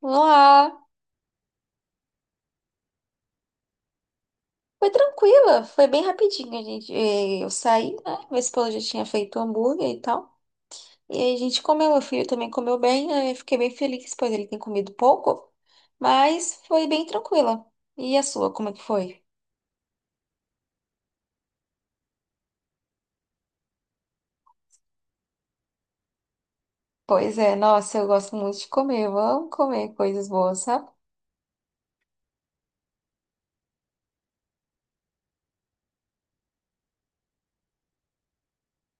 Olá! Foi tranquila, foi bem rapidinho. Eu saí, né? Meu esposo já tinha feito hambúrguer e tal. E aí a gente comeu, meu filho também comeu bem. Aí, eu fiquei bem feliz, pois ele tem comido pouco, mas foi bem tranquila. E a sua, como é que foi? Pois é, nossa, eu gosto muito de comer, eu amo comer coisas boas, sabe?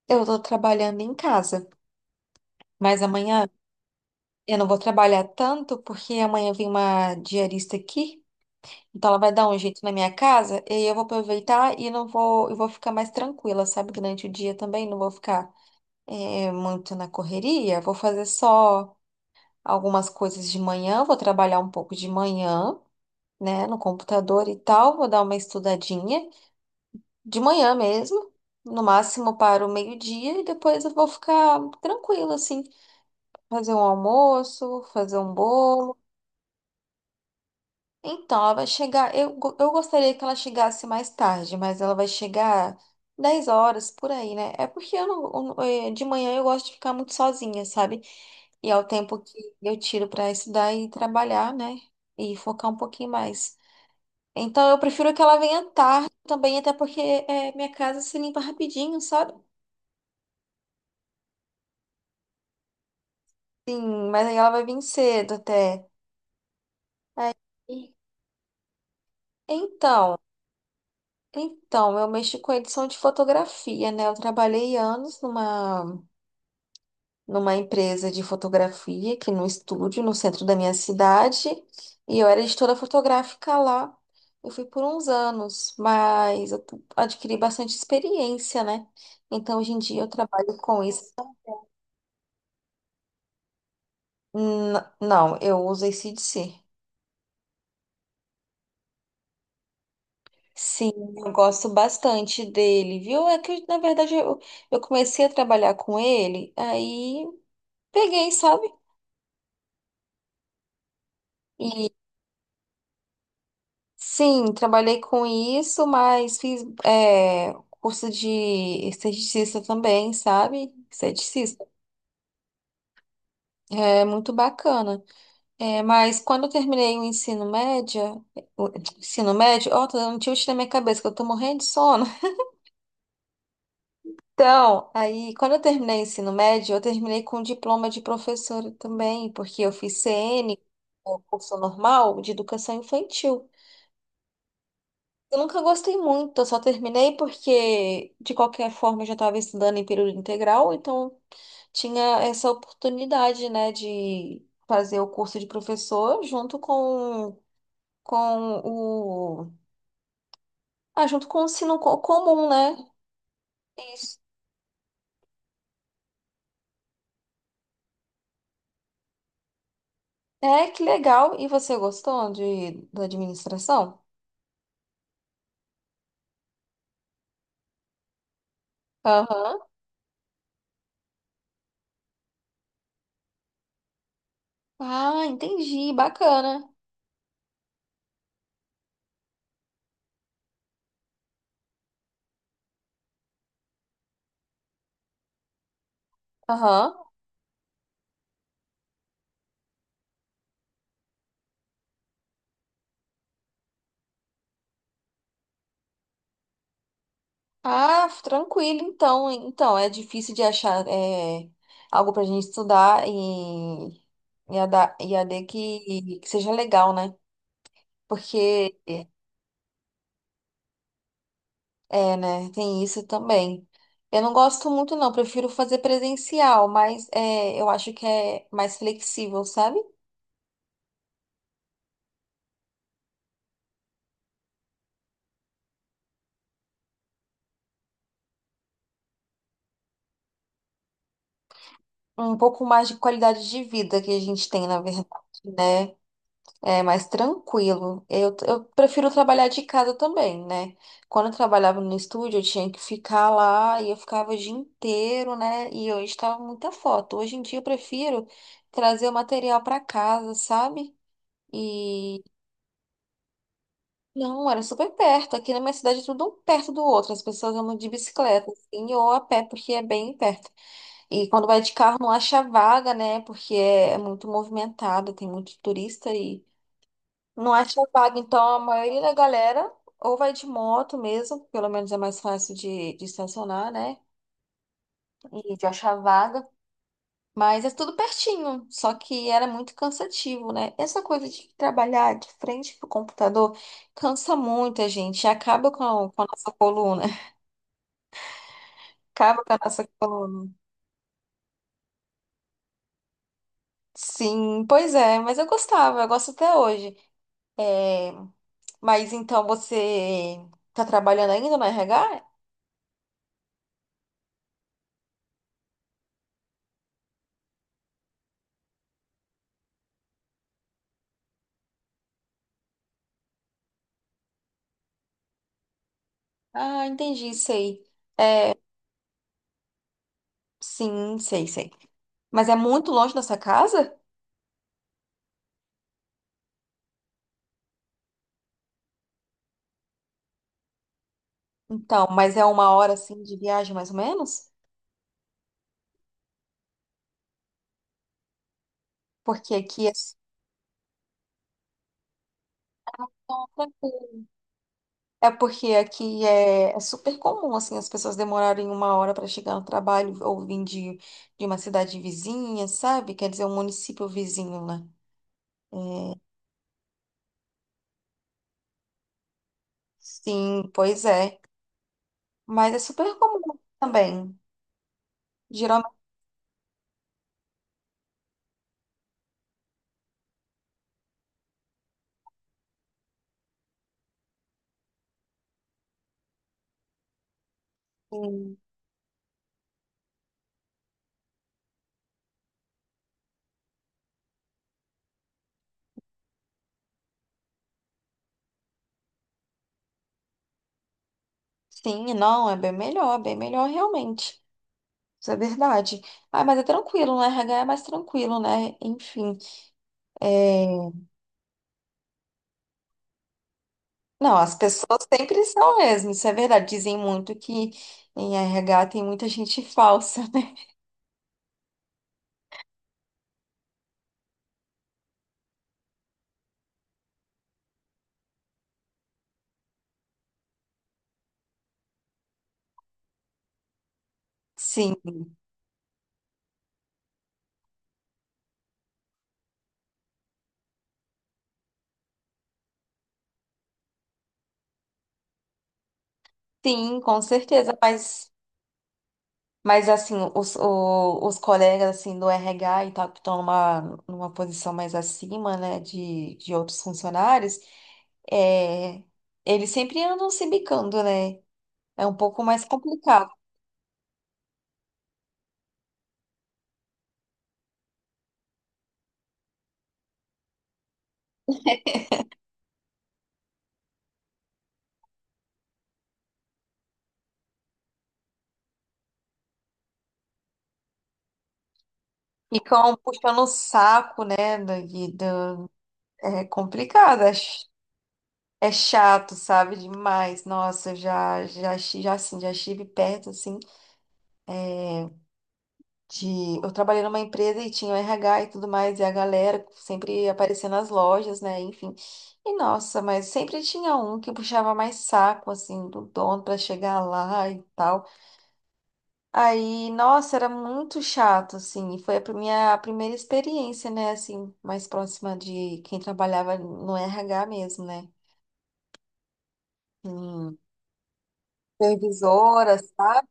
Eu tô trabalhando em casa, mas amanhã eu não vou trabalhar tanto, porque amanhã vem uma diarista aqui. Então ela vai dar um jeito na minha casa e aí eu vou aproveitar e não vou, eu vou ficar mais tranquila, sabe? Durante o dia também não vou ficar muito na correria. Vou fazer só algumas coisas de manhã, vou trabalhar um pouco de manhã, né, no computador e tal, vou dar uma estudadinha de manhã mesmo, no máximo para o meio-dia e depois eu vou ficar tranquila assim, fazer um almoço, fazer um bolo. Então, ela vai chegar. Eu gostaria que ela chegasse mais tarde, mas ela vai chegar 10 horas por aí, né? É porque eu não, de manhã eu gosto de ficar muito sozinha, sabe? E é o tempo que eu tiro para estudar e trabalhar, né? E focar um pouquinho mais. Então, eu prefiro que ela venha tarde também, até porque minha casa se limpa rapidinho, sabe? Sim, mas aí ela vai vir cedo até. E- Então, então, eu mexo com edição de fotografia, né? Eu trabalhei anos numa empresa de fotografia aqui no estúdio, no centro da minha cidade, e eu era editora fotográfica lá. Eu fui por uns anos, mas adquiri bastante experiência, né? Então, hoje em dia, eu trabalho com isso. Não, eu uso AC/DC. Sim, eu gosto bastante dele, viu? É que, na verdade, eu comecei a trabalhar com ele, aí peguei, sabe? Sim, trabalhei com isso, mas fiz curso de esteticista também, sabe? Esteticista. É muito bacana. É, mas quando eu terminei o ensino médio, ó, tô dando um tilt na minha cabeça, que eu tô morrendo de sono. Então, aí, quando eu terminei o ensino médio, eu terminei com diploma de professora também, porque eu fiz CN, o curso normal de educação infantil. Eu nunca gostei muito, eu só terminei porque, de qualquer forma, eu já estava estudando em período integral, então tinha essa oportunidade, né, de fazer o curso de professor junto com o. Ah, junto com o ensino comum, né? Isso. É, que legal. E você gostou da administração? Aham. Ah, entendi, bacana. Aham. Ah, tranquilo, então. Então, é difícil de achar algo pra gente estudar e AD que seja legal, né? Porque, né, tem isso também. Eu não gosto muito, não, prefiro fazer presencial, mas eu acho que é mais flexível, sabe? Um pouco mais de qualidade de vida que a gente tem, na verdade, né? É mais tranquilo. Eu prefiro trabalhar de casa também, né? Quando eu trabalhava no estúdio, eu tinha que ficar lá e eu ficava o dia inteiro, né? E eu estava muita foto. Hoje em dia eu prefiro trazer o material para casa, sabe? E não, era super perto. Aqui na minha cidade é tudo um perto do outro. As pessoas andam de bicicleta, assim, ou a pé, porque é bem perto. E quando vai de carro não acha vaga, né? Porque é muito movimentado, tem muito turista. Não é só então a maioria da galera ou vai de moto mesmo, pelo menos é mais fácil de estacionar, né? E de achar vaga. Mas é tudo pertinho, só que era muito cansativo, né? Essa coisa de trabalhar de frente pro computador cansa muito a gente, acaba com a nossa coluna. Acaba com a nossa coluna. Sim, pois é, mas eu gostava, eu gosto até hoje. É, mas então você tá trabalhando ainda no RH? Ah, entendi, sei. Sim, sei, sei. Mas é muito longe dessa casa? Então, mas é uma hora assim de viagem mais ou menos? Porque aqui é super tranquilo. É porque aqui é super comum assim as pessoas demorarem uma hora para chegar no trabalho ou vir de uma cidade vizinha, sabe? Quer dizer, um município vizinho, né? É, sim, pois é. Mas é super comum também. Geralmente, sim, não, é bem melhor realmente. Isso é verdade. Ah, mas é tranquilo, né? RH é mais tranquilo, né? Enfim. é, Não, as pessoas sempre são mesmo, isso é verdade. Dizem muito que em RH tem muita gente falsa, né? Sim, sim, com certeza. Mas assim, os colegas assim, do RH e tal, que estão numa posição mais acima, né, de outros funcionários, é, eles sempre andam se bicando, né? É um pouco mais complicado. Ficam puxando o saco, né? É complicado, é chato, sabe? Demais. Nossa, eu já estive perto, assim, de... Eu trabalhei numa empresa e tinha o RH e tudo mais, e a galera sempre aparecia nas lojas, né? Enfim. E, nossa, mas sempre tinha um que puxava mais saco, assim, do dono pra chegar lá e tal. Aí, nossa, era muito chato, assim. E foi a minha primeira experiência, né? Assim, mais próxima de quem trabalhava no RH mesmo, né? Em supervisora, sabe?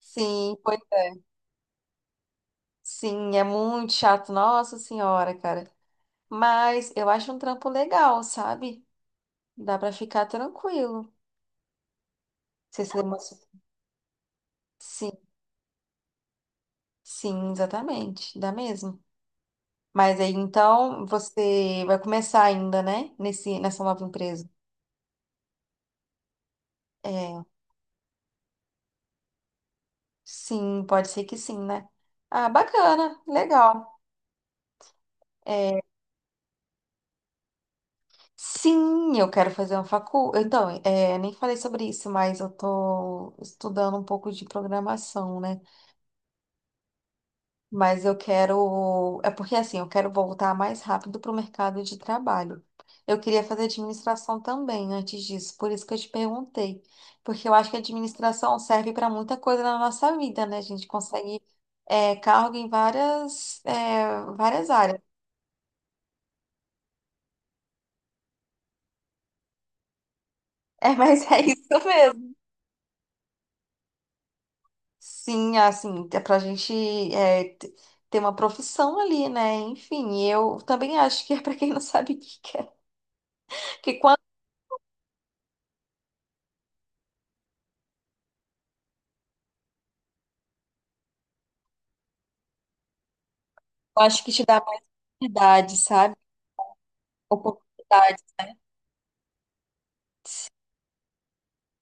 Sim, pois é. Sim, é muito chato, nossa senhora, cara. Mas eu acho um trampo legal, sabe? Dá pra ficar tranquilo. Você se emociona. Sim, sim, exatamente. Dá mesmo. Mas aí, então, você vai começar ainda, né? Nessa nova empresa. É. Sim, pode ser que sim, né? Ah, bacana, legal. É, sim, eu quero fazer uma facu. Então, nem falei sobre isso, mas eu tô estudando um pouco de programação, né? Mas eu quero. É porque assim, eu quero voltar mais rápido pro mercado de trabalho. Eu queria fazer administração também antes disso, por isso que eu te perguntei. Porque eu acho que a administração serve para muita coisa na nossa vida, né? A gente consegue. Cargo em várias, várias áreas. É, mas é isso mesmo. Sim, assim, é pra gente é, t- ter uma profissão ali, né? Enfim, eu também acho que é pra quem não sabe o que quer. Porque quando eu acho que te dá mais oportunidade, sabe? Oportunidade.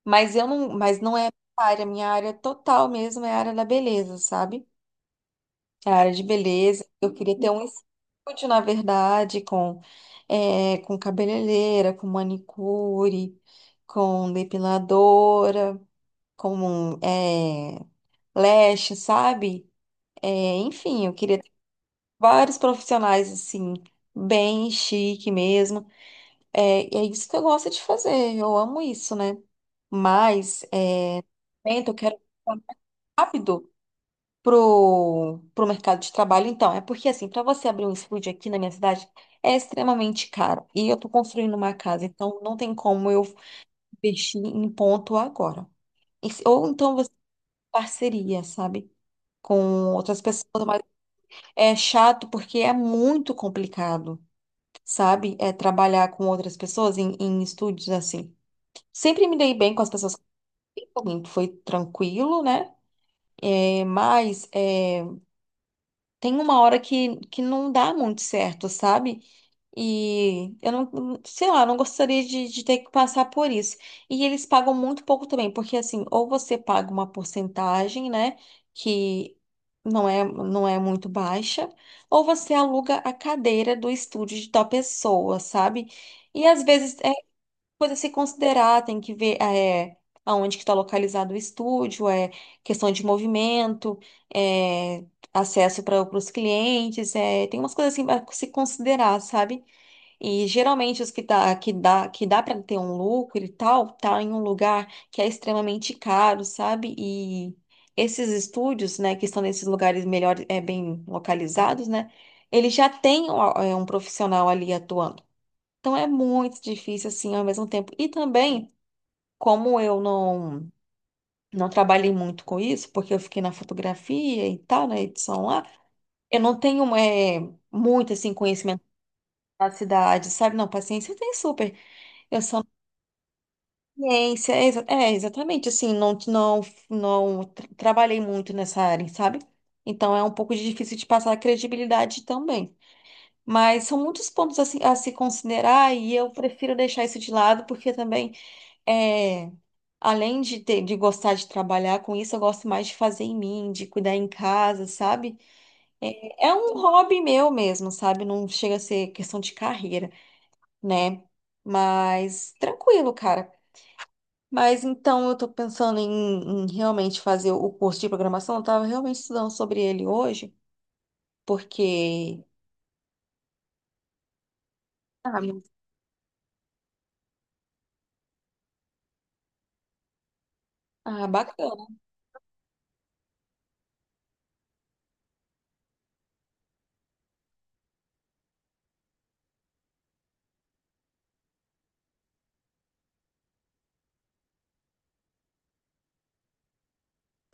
Mas eu não, mas não é a área, minha área total mesmo é a área da beleza, sabe? É a área de beleza. Eu queria ter um estúdio, na verdade, com, com cabeleireira, com manicure, com depiladora. Como um, leste, sabe? É, enfim, eu queria ter vários profissionais assim, bem chique mesmo. É, e é isso que eu gosto de fazer, eu amo isso, né? Mas então eu quero rápido pro mercado de trabalho. Então, é porque assim, para você abrir um estúdio aqui na minha cidade é extremamente caro. E eu tô construindo uma casa, então não tem como eu investir em ponto agora. Ou então você parceria, sabe? Com outras pessoas, mas é chato porque é muito complicado, sabe? É trabalhar com outras pessoas em, estúdios assim. Sempre me dei bem com as pessoas, que eu fiz, foi tranquilo, né? É, mas tem uma hora que não dá muito certo, sabe? E eu não, sei lá, eu não gostaria de ter que passar por isso. E eles pagam muito pouco também, porque assim, ou você paga uma porcentagem, né, que não é, não é muito baixa, ou você aluga a cadeira do estúdio de tal pessoa, sabe? E às vezes é coisa a se considerar, tem que ver aonde que está localizado o estúdio, é questão de movimento, é, acesso para os clientes, tem umas coisas assim para se considerar, sabe? E geralmente os que dá para ter um lucro e tal, tá em um lugar que é extremamente caro, sabe? E esses estúdios, né, que estão nesses lugares melhor, bem localizados, né? Ele já tem ó, um profissional ali atuando. Então é muito difícil assim ao mesmo tempo. E também, como eu não trabalhei muito com isso, porque eu fiquei na fotografia e tal, na edição lá, eu não tenho muito assim conhecimento da cidade, sabe? Não, paciência eu tenho super. Eu sou ciência, exatamente assim, não trabalhei muito nessa área, sabe? Então é um pouco difícil de passar a credibilidade também. Mas são muitos pontos a se, considerar e eu prefiro deixar isso de lado porque também. É, Além de ter, de gostar de trabalhar com isso, eu gosto mais de fazer em mim, de cuidar em casa, sabe? É um hobby meu mesmo, sabe? Não chega a ser questão de carreira, né? Mas tranquilo, cara. Mas então eu tô pensando em, realmente fazer o curso de programação. Eu tava realmente estudando sobre ele hoje, porque. Ah, ah, bacana.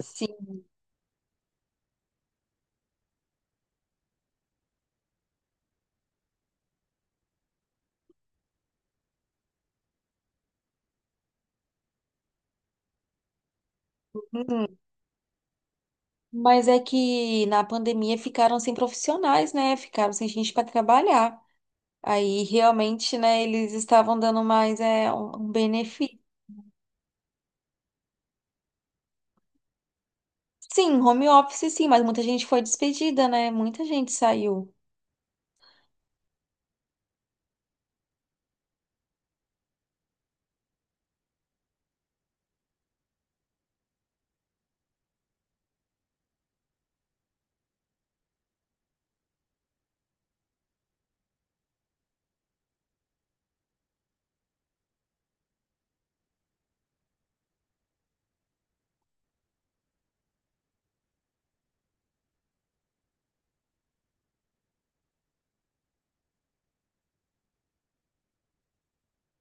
Sim. Mas é que na pandemia ficaram sem profissionais, né? Ficaram sem gente para trabalhar. Aí realmente, né, eles estavam dando mais um, benefício. Sim, home office sim, mas muita gente foi despedida, né? Muita gente saiu.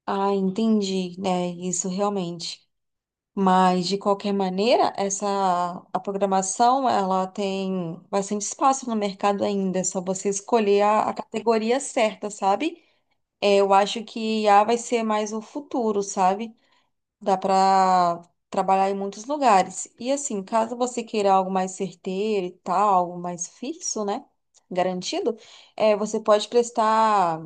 Ah, entendi, né? Isso realmente. Mas de qualquer maneira, essa a programação, ela tem bastante espaço no mercado ainda, é só você escolher a categoria certa, sabe? É, eu acho que IA vai ser mais o futuro, sabe? Dá para trabalhar em muitos lugares. E assim, caso você queira algo mais certeiro e tal, algo mais fixo, né? Garantido, você pode prestar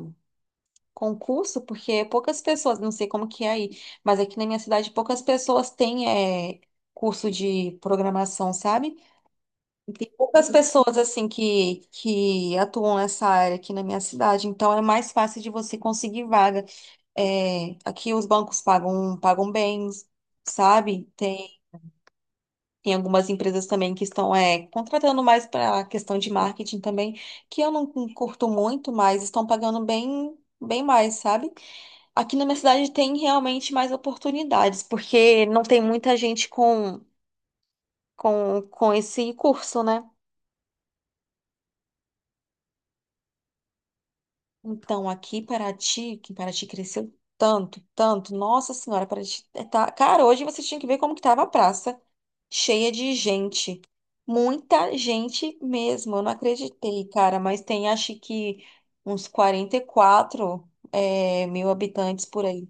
concurso, porque poucas pessoas, não sei como que é aí, mas aqui na minha cidade poucas pessoas têm é, curso de programação, sabe? E tem poucas pessoas assim que atuam nessa área aqui na minha cidade, então é mais fácil de você conseguir vaga. É, aqui os bancos pagam bens, sabe? Tem algumas empresas também que estão contratando mais para a questão de marketing também, que eu não curto muito, mas estão pagando bem, bem mais, sabe? Aqui na minha cidade tem realmente mais oportunidades, porque não tem muita gente com esse curso, né? Então, aqui em Paraty, que Paraty cresceu tanto, tanto, nossa senhora, Paraty tá... Cara, hoje você tinha que ver como que tava a praça. Cheia de gente. Muita gente mesmo. Eu não acreditei, cara, mas tem acho que uns 44 mil habitantes por aí.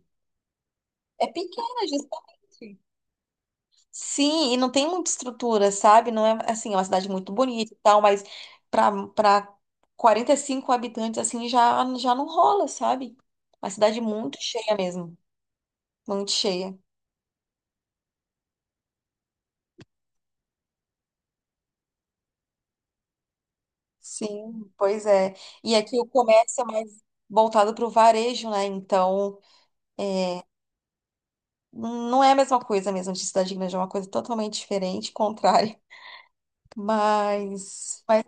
É pequena, justamente. Sim, e não tem muita estrutura, sabe? Não é assim, é uma cidade muito bonita e tal, mas para 45 habitantes assim já já não rola, sabe? Uma cidade muito cheia mesmo, muito cheia. Sim, pois é. E aqui o comércio é mais voltado para o varejo, né? Então, não é a mesma coisa mesmo de cidade grande, é uma coisa totalmente diferente, contrária. Mas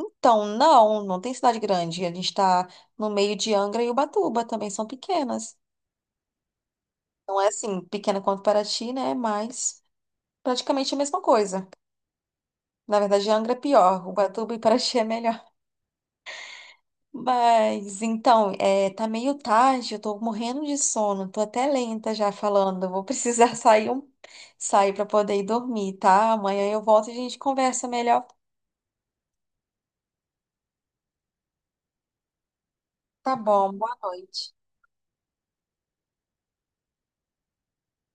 então, não, não tem cidade grande. A gente está no meio de Angra e Ubatuba, também são pequenas. Não é assim, pequena quanto Paraty, né? Mas praticamente a mesma coisa. Na verdade, Angra é pior, Ubatuba e Paraty é melhor. Mas então, tá meio tarde, eu tô morrendo de sono, tô até lenta já falando. Eu vou precisar sair sair para poder ir dormir, tá? Amanhã eu volto e a gente conversa melhor. Tá bom, boa noite.